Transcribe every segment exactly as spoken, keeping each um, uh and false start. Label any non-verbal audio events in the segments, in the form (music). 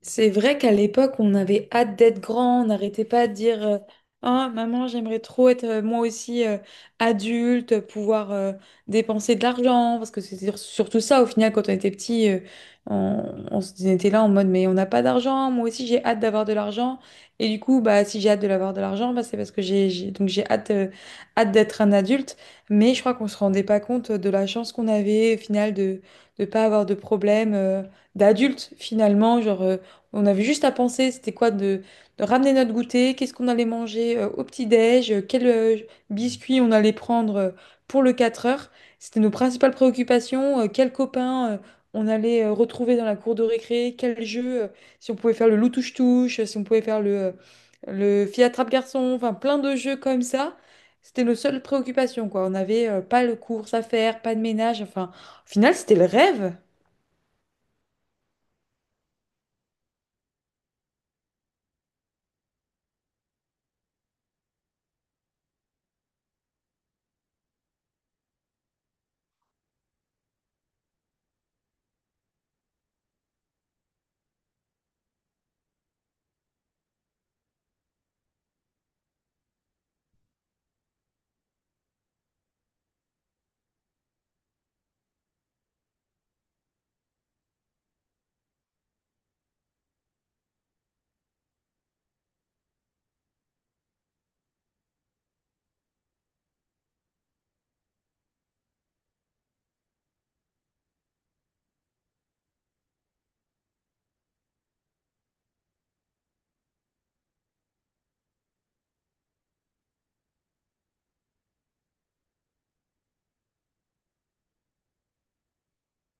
C'est vrai qu'à l'époque, on avait hâte d'être grand, on n'arrêtait pas de dire euh, Oh, maman, j'aimerais trop être euh, moi aussi euh, adulte, pouvoir euh, dépenser de l'argent. Parce que c'était sur- surtout ça, au final, quand on était petit, euh, on, on s- on était là en mode: mais on n'a pas d'argent, moi aussi j'ai hâte d'avoir de l'argent. Et du coup, bah, si j'ai hâte de l'avoir de l'argent, bah, c'est parce que j'ai j'ai- donc j'ai hâte, euh, hâte d'être un adulte. Mais je crois qu'on se rendait pas compte de la chance qu'on avait, au final, de ne pas avoir de problème euh, d'adulte, finalement. Genre. Euh, on avait juste à penser, c'était quoi de, de ramener notre goûter, qu'est-ce qu'on allait manger euh, au petit-déj, euh, quel euh, biscuit on allait prendre euh, pour le quatre heures. C'était nos principales préoccupations, euh, quel copain euh, on allait euh, retrouver dans la cour de récré, quel jeu, euh, si on pouvait faire le loup touche-touche, euh, si on pouvait faire le, euh, le fille attrape-garçon, enfin plein de jeux comme ça. C'était nos seules préoccupations, quoi. On n'avait euh, pas de courses à faire, pas de ménage, enfin, au final, c'était le rêve.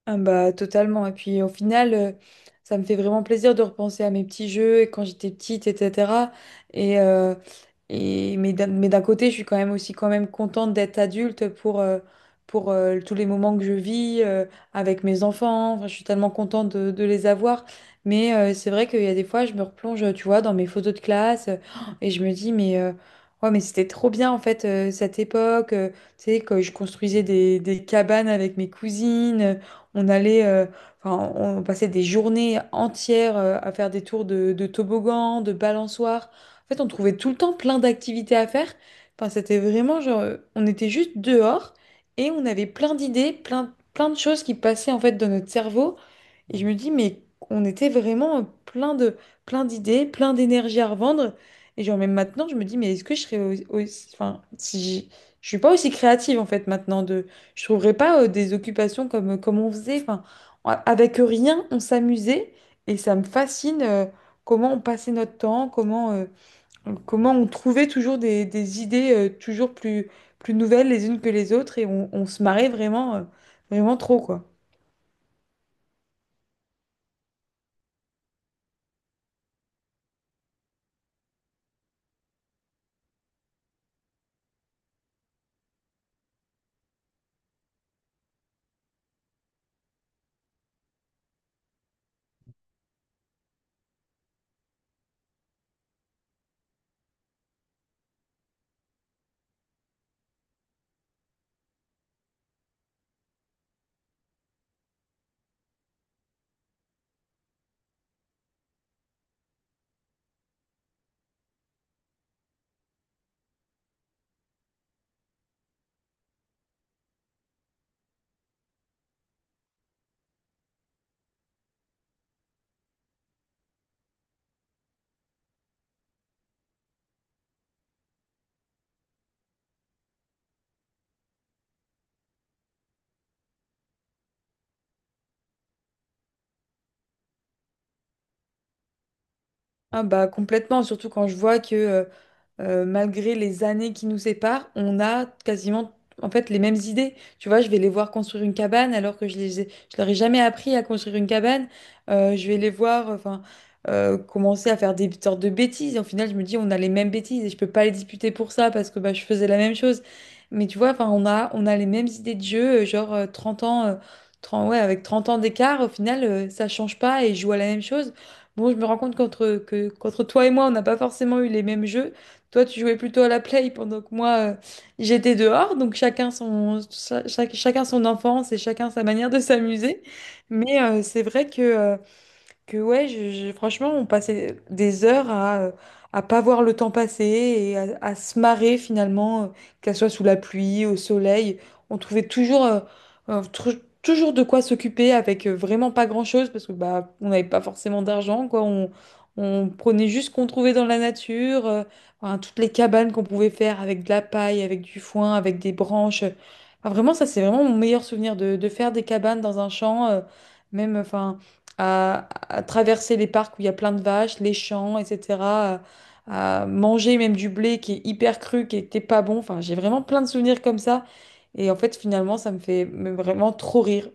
Ah bah totalement. Et puis au final, euh, ça me fait vraiment plaisir de repenser à mes petits jeux et quand j'étais petite, et cetera. Et, euh, et mais d'un mais d'un côté, je suis quand même aussi quand même contente d'être adulte pour, euh, pour euh, tous les moments que je vis euh, avec mes enfants. Enfin, je suis tellement contente de, de les avoir. Mais euh, c'est vrai qu'il y a des fois, je me replonge, tu vois, dans mes photos de classe euh, (gasps) et je me dis, mais euh, ouais, mais c'était trop bien en fait euh, cette époque. Euh, tu sais, que je construisais des, des cabanes avec mes cousines. On allait, euh, enfin, on passait des journées entières euh, à faire des tours de, de toboggan, de balançoire. En fait, on trouvait tout le temps plein d'activités à faire. Enfin, c'était vraiment genre, euh, on était juste dehors et on avait plein d'idées, plein, plein de choses qui passaient en fait dans notre cerveau. Et je me dis, mais on était vraiment euh, plein de, plein d'idées, plein d'énergie à revendre. Et genre, même maintenant, je me dis, mais est-ce que je serais au- aussi, enfin, si je je suis pas aussi créative en fait maintenant de je trouverais pas euh, des occupations comme, euh, comme on faisait. Enfin, en- avec rien, on s'amusait et ça me fascine euh, comment on passait notre temps, comment, euh, comment on trouvait toujours des, des idées euh, toujours plus, plus nouvelles les unes que les autres et on, on se marrait vraiment, euh, vraiment trop, quoi. Ah bah complètement, surtout quand je vois que euh, euh, malgré les années qui nous séparent, on a quasiment en fait les mêmes idées. Tu vois, je vais les voir construire une cabane alors que je les ai- je leur ai jamais appris à construire une cabane. Euh, je vais les voir enfin euh, commencer à faire des sortes de bêtises. Et au final, je me dis on a les mêmes bêtises et je peux pas les disputer pour ça parce que bah, je faisais la même chose. Mais tu vois, enfin on a on a les mêmes idées de jeu, euh, genre euh, trente ans euh, trente, ouais, avec trente ans d'écart, au final, euh, ça change pas et je joue à la même chose. Bon, je me rends compte qu'entre que, qu'entre toi et moi, on n'a pas forcément eu les mêmes jeux, toi, tu jouais plutôt à la play pendant que moi, euh, j'étais dehors. Donc chacun son, cha- chaque- chacun son enfance et chacun sa manière de s'amuser. Mais euh, c'est vrai que euh, que ouais, je- je- franchement, on passait des heures à, euh, à pas voir le temps passer et à, à se marrer finalement, euh, qu'elle soit sous la pluie, au soleil. On trouvait toujours, euh, euh, tru- toujours de quoi s'occuper avec euh, vraiment pas grand-chose parce que bah, on n'avait pas forcément d'argent, quoi. On, on prenait juste ce qu'on trouvait dans la nature, euh, enfin, toutes les cabanes qu'on pouvait faire avec de la paille, avec du foin, avec des branches. Enfin, vraiment, ça, c'est vraiment mon meilleur souvenir de, de faire des cabanes dans un champ, euh, même, enfin à traverser les parcs où il y a plein de vaches, les champs, et cetera. À, à manger même du blé qui est hyper cru, qui était pas bon. Enfin, j'ai vraiment plein de souvenirs comme ça. Et en fait, finalement, ça me fait me- vraiment trop rire.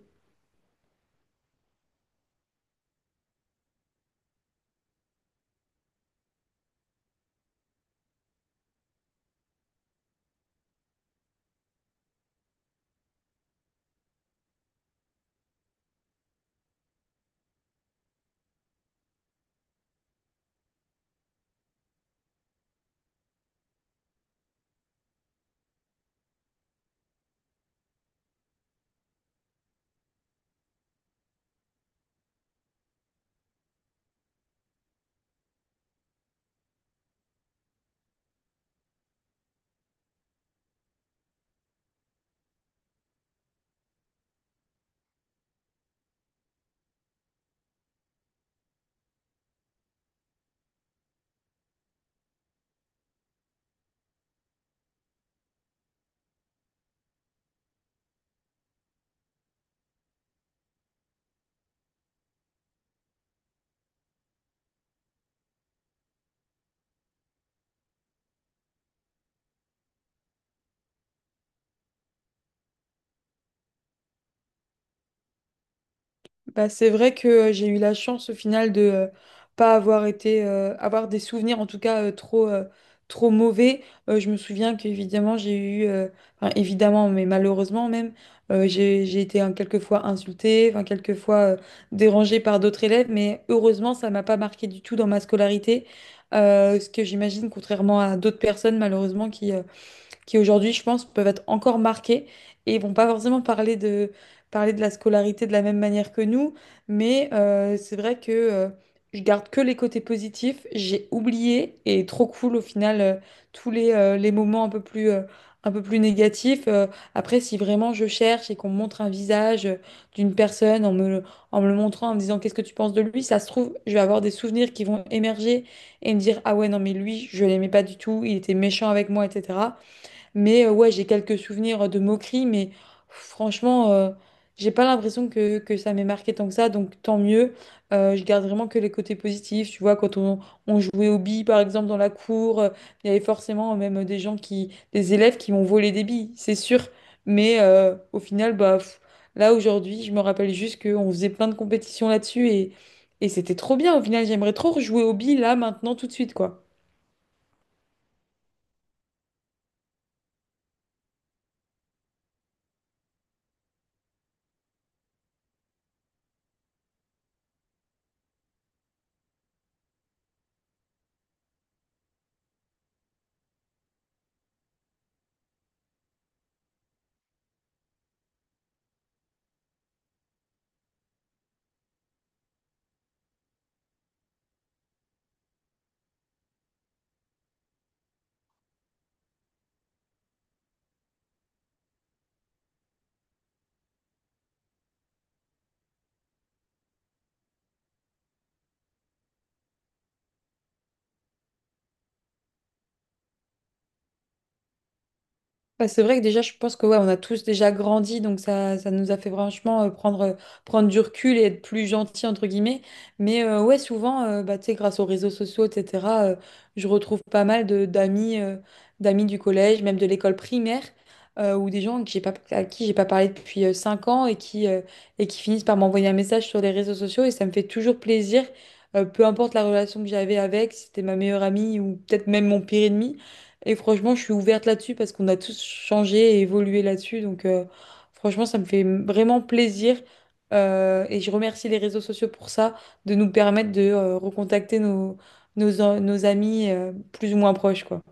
Bah, c'est vrai que euh, j'ai eu la chance au final de euh, pas avoir été euh, avoir des souvenirs en tout cas euh, trop euh, trop mauvais. Euh, je me souviens qu'évidemment j'ai eu euh, enfin, évidemment mais malheureusement même euh, j'ai j'ai été hein, quelquefois insultée, enfin quelquefois euh, dérangée par d'autres élèves, mais heureusement ça m'a pas marqué du tout dans ma scolarité. Euh, ce que j'imagine contrairement à d'autres personnes malheureusement qui qui aujourd'hui, je pense, peuvent être encore marqués et vont pas forcément parler de, parler de la scolarité de la même manière que nous, mais euh, c'est vrai que euh, je garde que les côtés positifs, j'ai oublié et trop cool au final euh, tous les, euh, les moments un peu plus, euh, un peu plus négatifs. Euh, après, si vraiment je cherche et qu'on me montre un visage euh, d'une personne en me, le- en me le montrant, en me disant qu'est-ce que tu penses de lui, ça se trouve, je vais avoir des souvenirs qui vont émerger et me dire, ah ouais, non, mais lui, je l'aimais pas du tout, il était méchant avec moi, et cetera. Mais euh, ouais, j'ai quelques souvenirs de moqueries, mais franchement, euh, j'ai pas l'impression que, que ça m'ait marqué tant que ça, donc tant mieux. Euh, je garde vraiment que les côtés positifs. Tu vois, quand on, on jouait aux billes, par exemple, dans la cour, euh, il y avait forcément euh, même euh, des gens qui, des élèves qui m'ont volé des billes, c'est sûr. Mais euh, au final, bah, pff, là aujourd'hui, je me rappelle juste qu'on faisait plein de compétitions là-dessus et, et c'était trop bien. Au final, j'aimerais trop rejouer aux billes là, maintenant, tout de suite, quoi. Bah, c'est vrai que déjà, je pense que ouais, on a tous déjà grandi, donc ça, ça nous a fait franchement euh, prendre, euh, prendre du recul et être plus gentil, entre guillemets. Mais euh, ouais, souvent, euh, bah, tu sais, grâce aux réseaux sociaux, et cetera, euh, je retrouve pas mal de d'amis euh, d'amis du collège, même de l'école primaire, euh, ou des gens que j'ai pas, à qui j'ai pas parlé depuis euh, cinq ans et qui, euh, et qui finissent par m'envoyer un message sur les réseaux sociaux. Et ça me fait toujours plaisir, euh, peu importe la relation que j'avais avec, si c'était ma meilleure amie ou peut-être même mon pire ennemi. Et franchement, je suis ouverte là-dessus parce qu'on a tous changé et évolué là-dessus. Donc, euh, franchement, ça me fait m- vraiment plaisir. Euh, et je remercie les réseaux sociaux pour ça, de nous permettre de euh, recontacter nos, nos, a- nos amis euh, plus ou moins proches, quoi.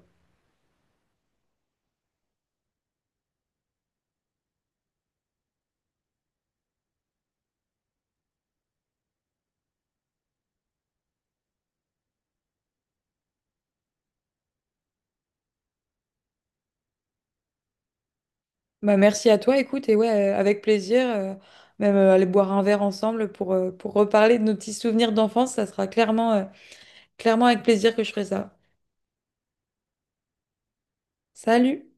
Bah, merci à toi, écoute, et ouais, euh, avec plaisir, euh, même euh, aller boire un verre ensemble pour, euh, pour reparler de nos petits souvenirs d'enfance, ça sera clairement, euh, clairement avec plaisir que je ferai ça. Salut!